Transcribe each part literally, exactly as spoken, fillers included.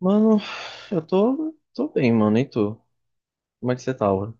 Mano, eu tô, tô bem, mano, e tu? Como é que você tá, mano?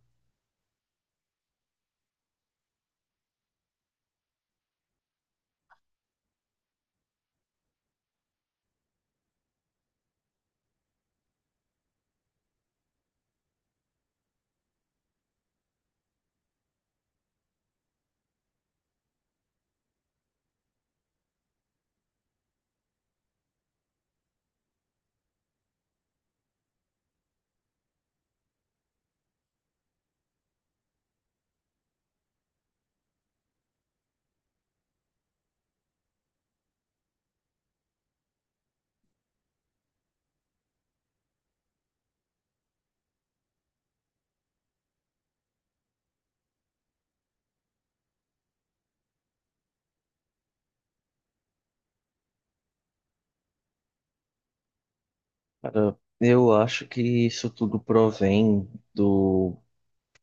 Cara, eu acho que isso tudo provém do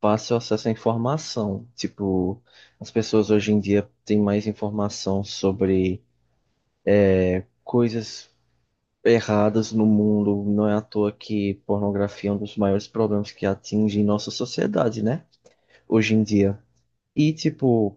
fácil acesso à informação. Tipo, as pessoas hoje em dia têm mais informação sobre coisas erradas no mundo. Não é à toa que pornografia é um dos maiores problemas que atinge nossa sociedade, né? Hoje em dia. E, tipo,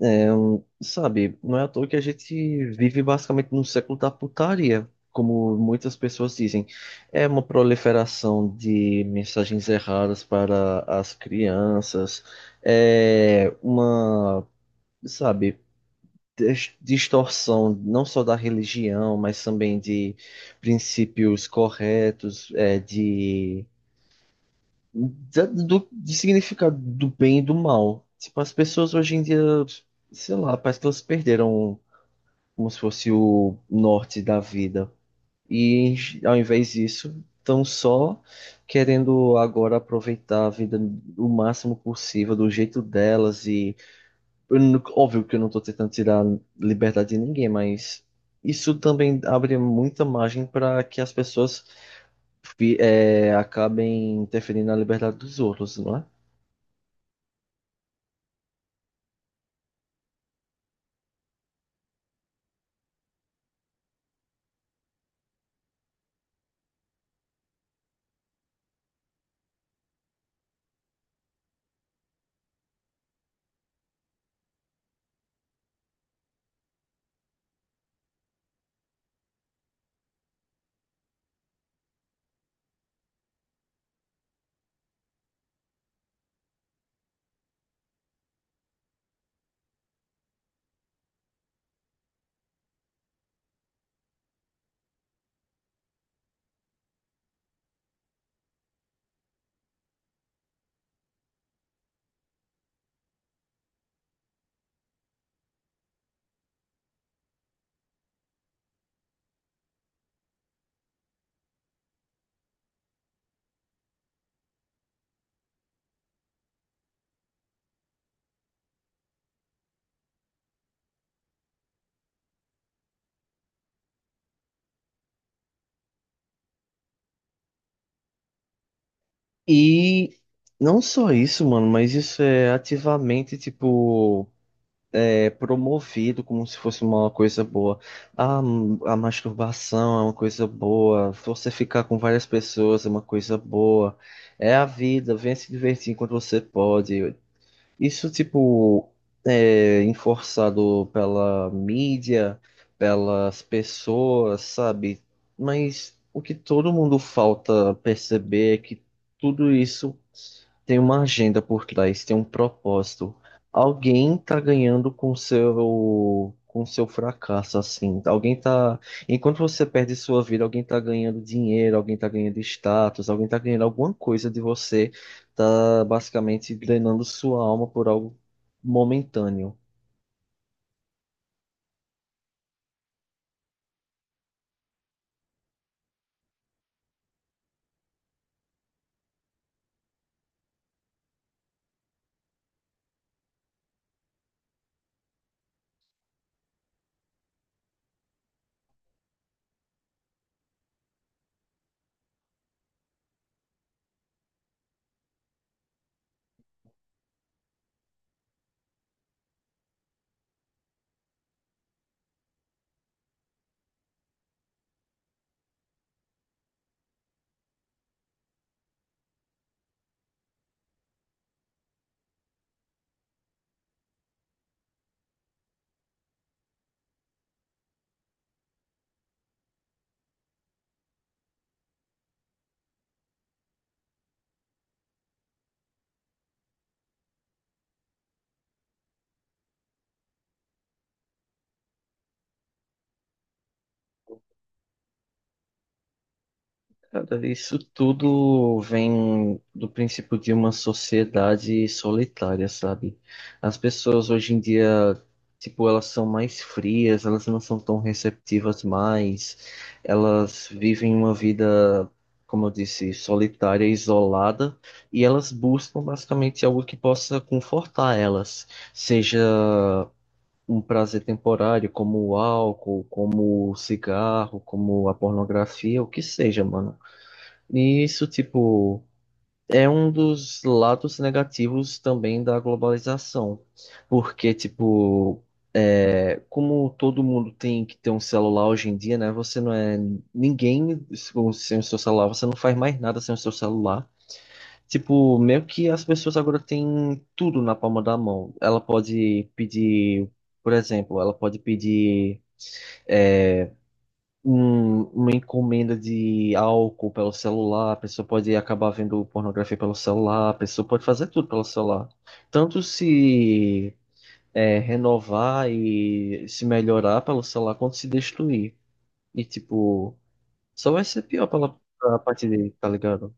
É, um- sabe, não é à toa que a gente vive basicamente num século da putaria, como muitas pessoas dizem. É uma proliferação de mensagens erradas para as crianças, é uma, sabe, dis- distorção não só da religião, mas também de princípios corretos, é, de, da- do, de significado do bem e do mal. Tipo, as pessoas hoje em dia sei lá, parece que elas perderam como se fosse o norte da vida. E ao invés disso, estão só querendo agora aproveitar a vida o máximo possível, do jeito delas. E eu não- óbvio que eu não estou tentando tirar liberdade de ninguém, mas isso também abre muita margem para que as pessoas fi- eh, acabem interferindo na liberdade dos outros, não é? E não só isso, mano, mas isso é ativamente, tipo é, promovido como se fosse uma coisa boa. A, a masturbação é uma coisa boa, você ficar com várias pessoas é uma coisa boa. É a vida, venha se divertir enquanto você pode. Isso, tipo, é enforçado pela mídia, pelas pessoas, sabe? Mas o que todo mundo falta perceber é que tudo isso tem uma agenda por trás, tem um propósito. Alguém tá ganhando com seu com seu fracasso, assim. Alguém tá, enquanto você perde sua vida, alguém tá ganhando dinheiro, alguém tá ganhando status, alguém tá ganhando alguma coisa de você, tá basicamente drenando sua alma por algo momentâneo. Cara, isso tudo vem do princípio de uma sociedade solitária, sabe? As pessoas hoje em dia, tipo, elas são mais frias, elas não são tão receptivas mais, elas vivem uma vida, como eu disse, solitária, isolada, e elas buscam basicamente algo que possa confortar elas, seja um prazer temporário, como o álcool, como o cigarro, como a pornografia, o que seja, mano. E isso, tipo, é um dos lados negativos também da globalização. Porque, tipo, é, como todo mundo tem que ter um celular hoje em dia, né? Você não é ninguém com- sem o seu celular, você não faz mais nada sem o seu celular. Tipo, meio que as pessoas agora têm tudo na palma da mão. Ela pode pedir, por exemplo, ela pode pedir um- uma encomenda de álcool pelo celular, a pessoa pode acabar vendo pornografia pelo celular, a pessoa pode fazer tudo pelo celular. Tanto se é, renovar e se melhorar pelo celular, quanto se destruir. E, tipo, só vai ser pior pela, pela parte dele, tá ligado?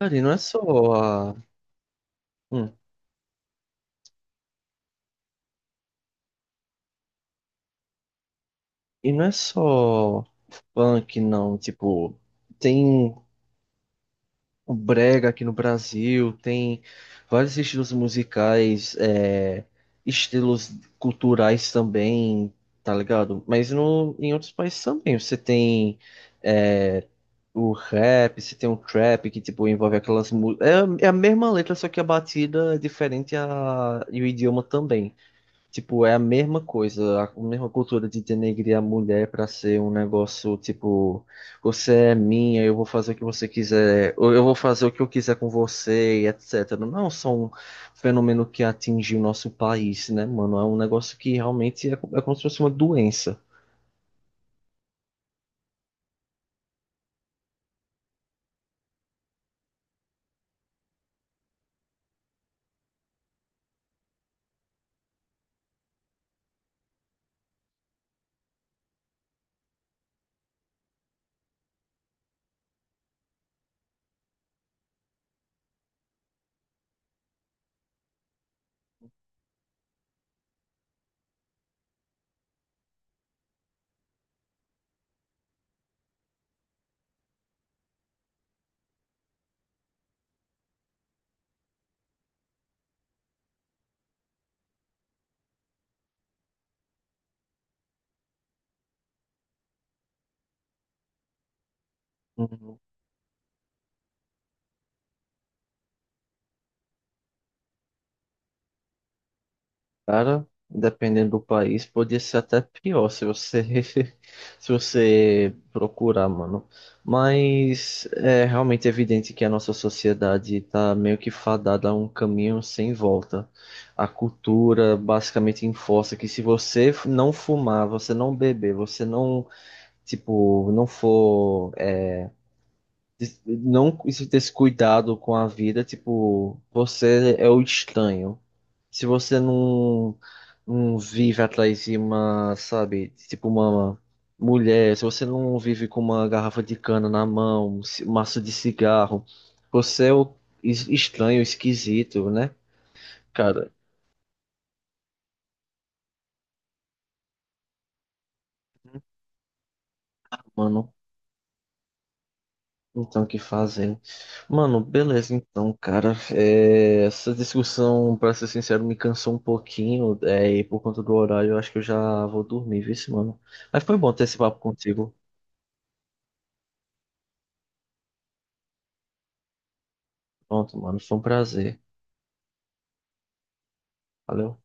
Cara, e não é só a. hum, e não é só funk, não. Tipo, tem o brega aqui no Brasil, tem vários estilos musicais, é, estilos culturais também, tá ligado? Mas no, em outros países também, você tem é, o rap, você tem o trap, que tipo, envolve aquelas músicas. É, é a mesma letra, só que a batida é diferente a, e o idioma também. Tipo, é a mesma coisa, a mesma cultura de denegrir a mulher pra ser um negócio, tipo, você é minha, eu vou fazer o que você quiser, ou eu vou fazer o que eu quiser com você, e etcétera. Não é só um fenômeno que atinge o nosso país, né, mano? É um negócio que realmente é, co- é como se fosse uma doença. Cara, dependendo do país, podia ser até pior se você se você procurar, mano. Mas é realmente evidente que a nossa sociedade tá meio que fadada a um caminho sem volta. A cultura basicamente enforça que se você não fumar, você não beber, você não, tipo, não for des- não esse- ter esse cuidado com a vida, tipo, você é o estranho. Se você não, não vive atrás de uma, sabe, tipo uma mulher, se você não vive com uma garrafa de cana na mão, um ci- maço de cigarro, você é o es- estranho, esquisito, né? Cara, mano. Então, o que fazem? Mano, beleza, então, cara. É, essa discussão, pra ser sincero, me cansou um pouquinho. É, e por conta do horário, eu acho que eu já vou dormir, viu, esse mano? Mas foi bom ter esse papo contigo. Pronto, mano. Foi um prazer. Valeu.